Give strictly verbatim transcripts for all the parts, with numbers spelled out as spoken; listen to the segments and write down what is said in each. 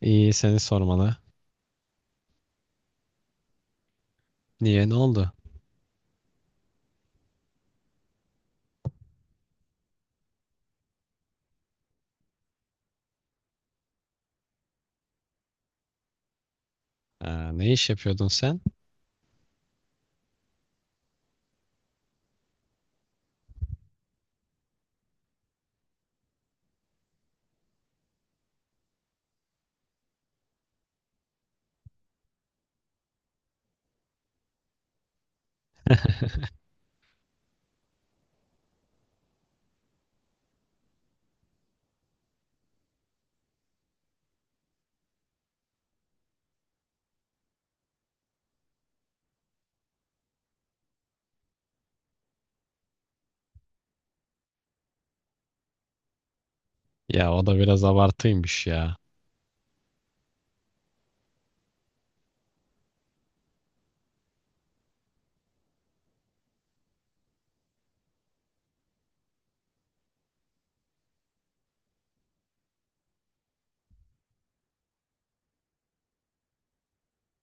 İyi seni sormalı. Niye, ne oldu? Ha, ne iş yapıyordun sen? Ya o da biraz abartıymış ya.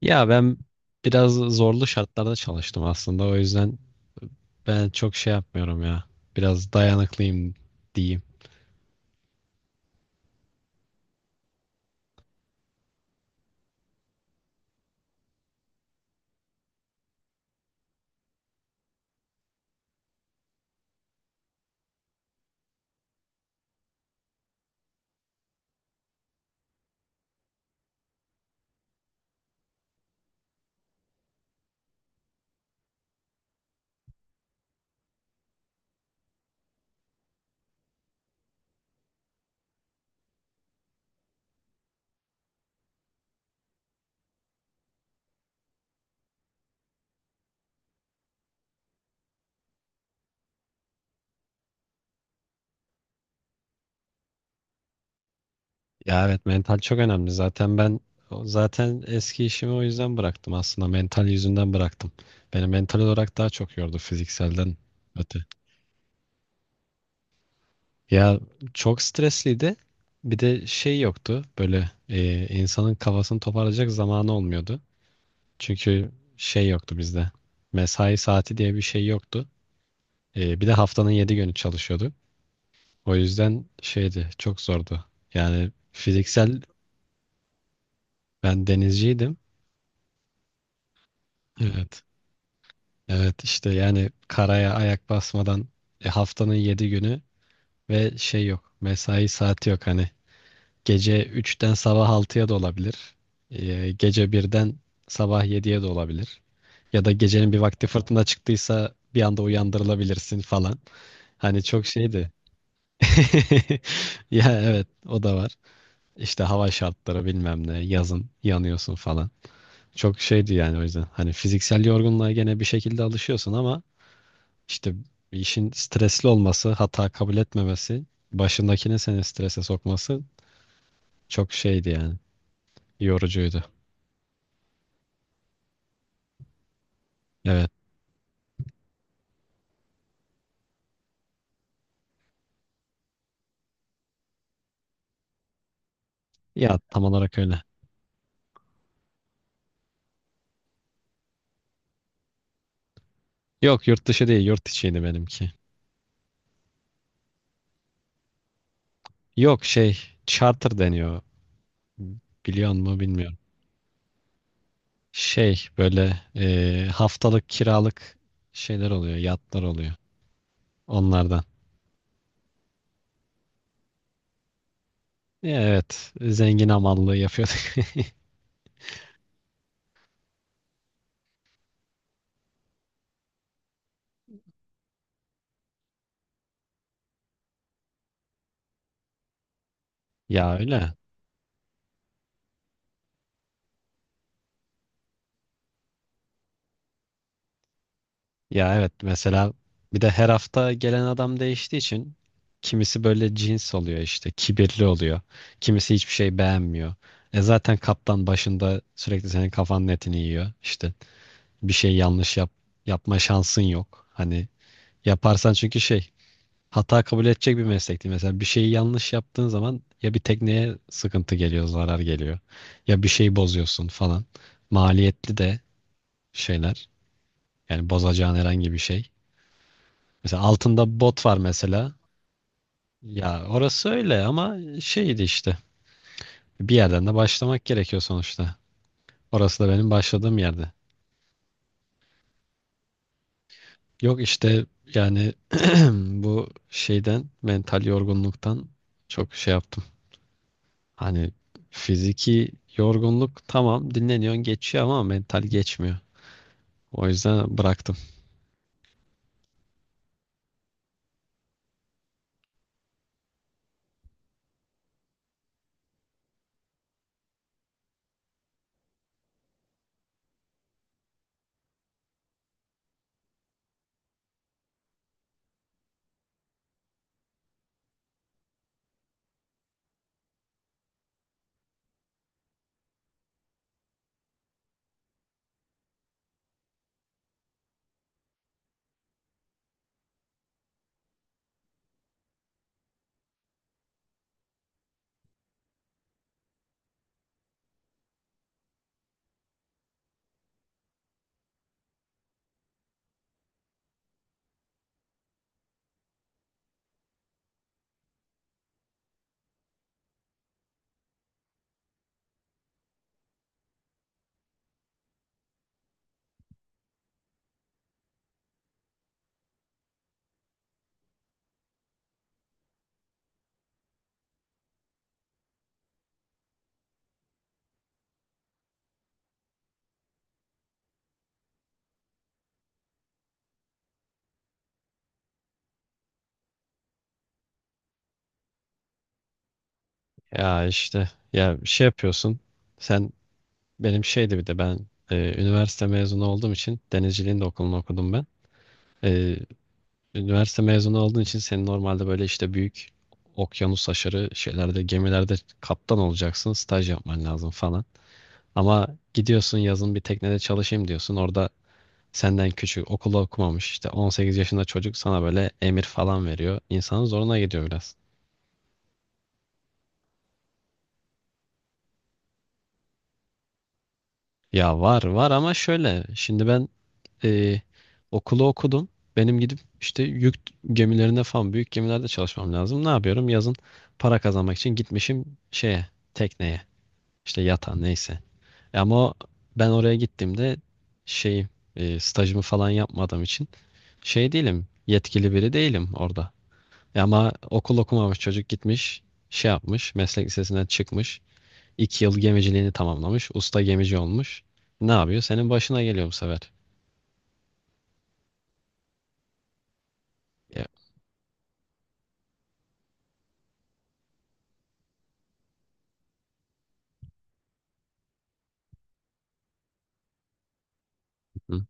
Ya ben biraz zorlu şartlarda çalıştım aslında. O yüzden ben çok şey yapmıyorum ya. Biraz dayanıklıyım diyeyim. Ya evet, mental çok önemli. Zaten ben zaten eski işimi o yüzden bıraktım aslında. Mental yüzünden bıraktım. Beni mental olarak daha çok yordu fizikselden öte. Ya çok stresliydi. Bir de şey yoktu. Böyle e, insanın kafasını toparlayacak zamanı olmuyordu. Çünkü şey yoktu bizde. Mesai saati diye bir şey yoktu. E, bir de haftanın yedi günü çalışıyorduk. O yüzden şeydi, çok zordu. Yani fiziksel ben denizciydim. Evet. Evet işte, yani karaya ayak basmadan e, haftanın yedi günü ve şey yok. Mesai saati yok hani. Gece üçten sabah altıya da olabilir. Ee, gece birden sabah yediye de olabilir. Ya da gecenin bir vakti fırtına çıktıysa bir anda uyandırılabilirsin falan. Hani çok şeydi. Ya evet, o da var. İşte hava şartları bilmem ne, yazın yanıyorsun falan. Çok şeydi yani, o yüzden. Hani fiziksel yorgunluğa gene bir şekilde alışıyorsun ama işte işin stresli olması, hata kabul etmemesi, başındakini seni strese sokması çok şeydi yani. Yorucuydu. Evet. Ya tam olarak öyle. Yok, yurt dışı değil, yurt içiydi benimki. Yok şey, charter deniyor. Biliyor mu bilmiyorum. Şey böyle e, haftalık kiralık şeyler oluyor. Yatlar oluyor. Onlardan. Ya evet, zengin amallığı yapıyorduk. Ya öyle. Ya evet, mesela bir de her hafta gelen adam değiştiği için kimisi böyle cins oluyor işte, kibirli oluyor. Kimisi hiçbir şey beğenmiyor. E zaten kaptan başında sürekli senin kafanın etini yiyor işte. Bir şey yanlış yap yapma şansın yok. Hani yaparsan çünkü şey, hata kabul edecek bir meslek değil. Mesela bir şeyi yanlış yaptığın zaman ya bir tekneye sıkıntı geliyor, zarar geliyor. Ya bir şeyi bozuyorsun falan. Maliyetli de şeyler. Yani bozacağın herhangi bir şey. Mesela altında bot var mesela. Ya orası öyle ama şeydi işte. Bir yerden de başlamak gerekiyor sonuçta. Orası da benim başladığım yerde. Yok işte yani bu şeyden, mental yorgunluktan çok şey yaptım. Hani fiziki yorgunluk tamam, dinleniyorsun geçiyor ama mental geçmiyor. O yüzden bıraktım. Ya işte, ya şey yapıyorsun. Sen benim şeydi, bir de ben e, üniversite mezunu olduğum için denizciliğin de okulunu okudum ben. E, üniversite mezunu olduğun için senin normalde böyle işte büyük okyanus aşırı şeylerde, gemilerde kaptan olacaksın, staj yapman lazım falan. Ama gidiyorsun yazın, bir teknede çalışayım diyorsun. Orada senden küçük, okulu okumamış işte on sekiz yaşında çocuk sana böyle emir falan veriyor. İnsanın zoruna gidiyor biraz. Ya var var ama şöyle. Şimdi ben e, okulu okudum. Benim gidip işte yük gemilerinde falan, büyük gemilerde çalışmam lazım. Ne yapıyorum? Yazın para kazanmak için gitmişim şeye, tekneye, işte yata, neyse. E ama o- ben oraya gittiğimde şey, e, stajımı falan yapmadığım için şey değilim, yetkili biri değilim orada. E ama okul okumamış çocuk gitmiş, şey yapmış, meslek lisesinden çıkmış, iki yıl gemiciliğini tamamlamış, usta gemici olmuş. Ne yapıyor? Senin başına geliyor bu sefer. Ya, hı,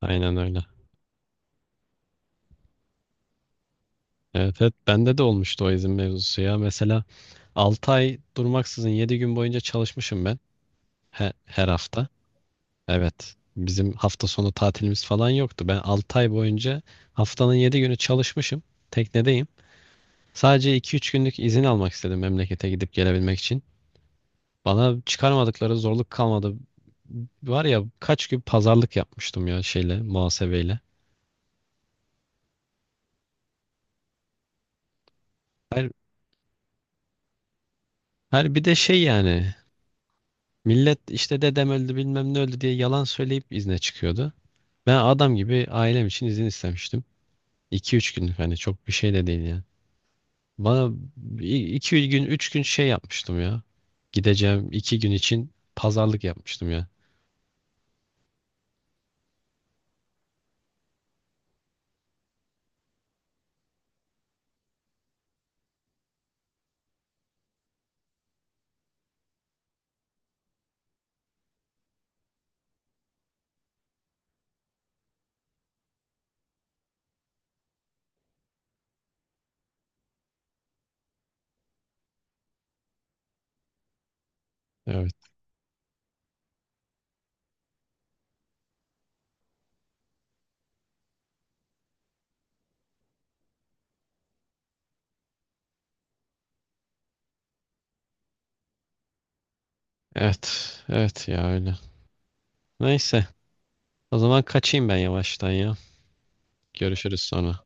aynen öyle. Evet, evet, bende de olmuştu o izin mevzusu ya. Mesela altı ay durmaksızın yedi gün boyunca çalışmışım ben he- her hafta. Evet. Bizim hafta sonu tatilimiz falan yoktu. Ben altı ay boyunca haftanın yedi günü çalışmışım. Teknedeyim. Sadece iki üç günlük izin almak istedim memlekete gidip gelebilmek için. Bana çıkarmadıkları zorluk kalmadı. Var ya, kaç gün pazarlık yapmıştım ya şeyle, muhasebeyle. Her, her bir de şey yani, millet işte dedem öldü bilmem ne öldü diye yalan söyleyip izne çıkıyordu. Ben adam gibi ailem için izin istemiştim. İki üç günlük, hani çok bir şey de değil yani. Bana iki gün üç gün şey yapmıştım ya. Gideceğim iki gün için pazarlık yapmıştım ya. Evet. Evet. Evet ya, öyle. Neyse. O zaman kaçayım ben yavaştan ya. Görüşürüz sonra.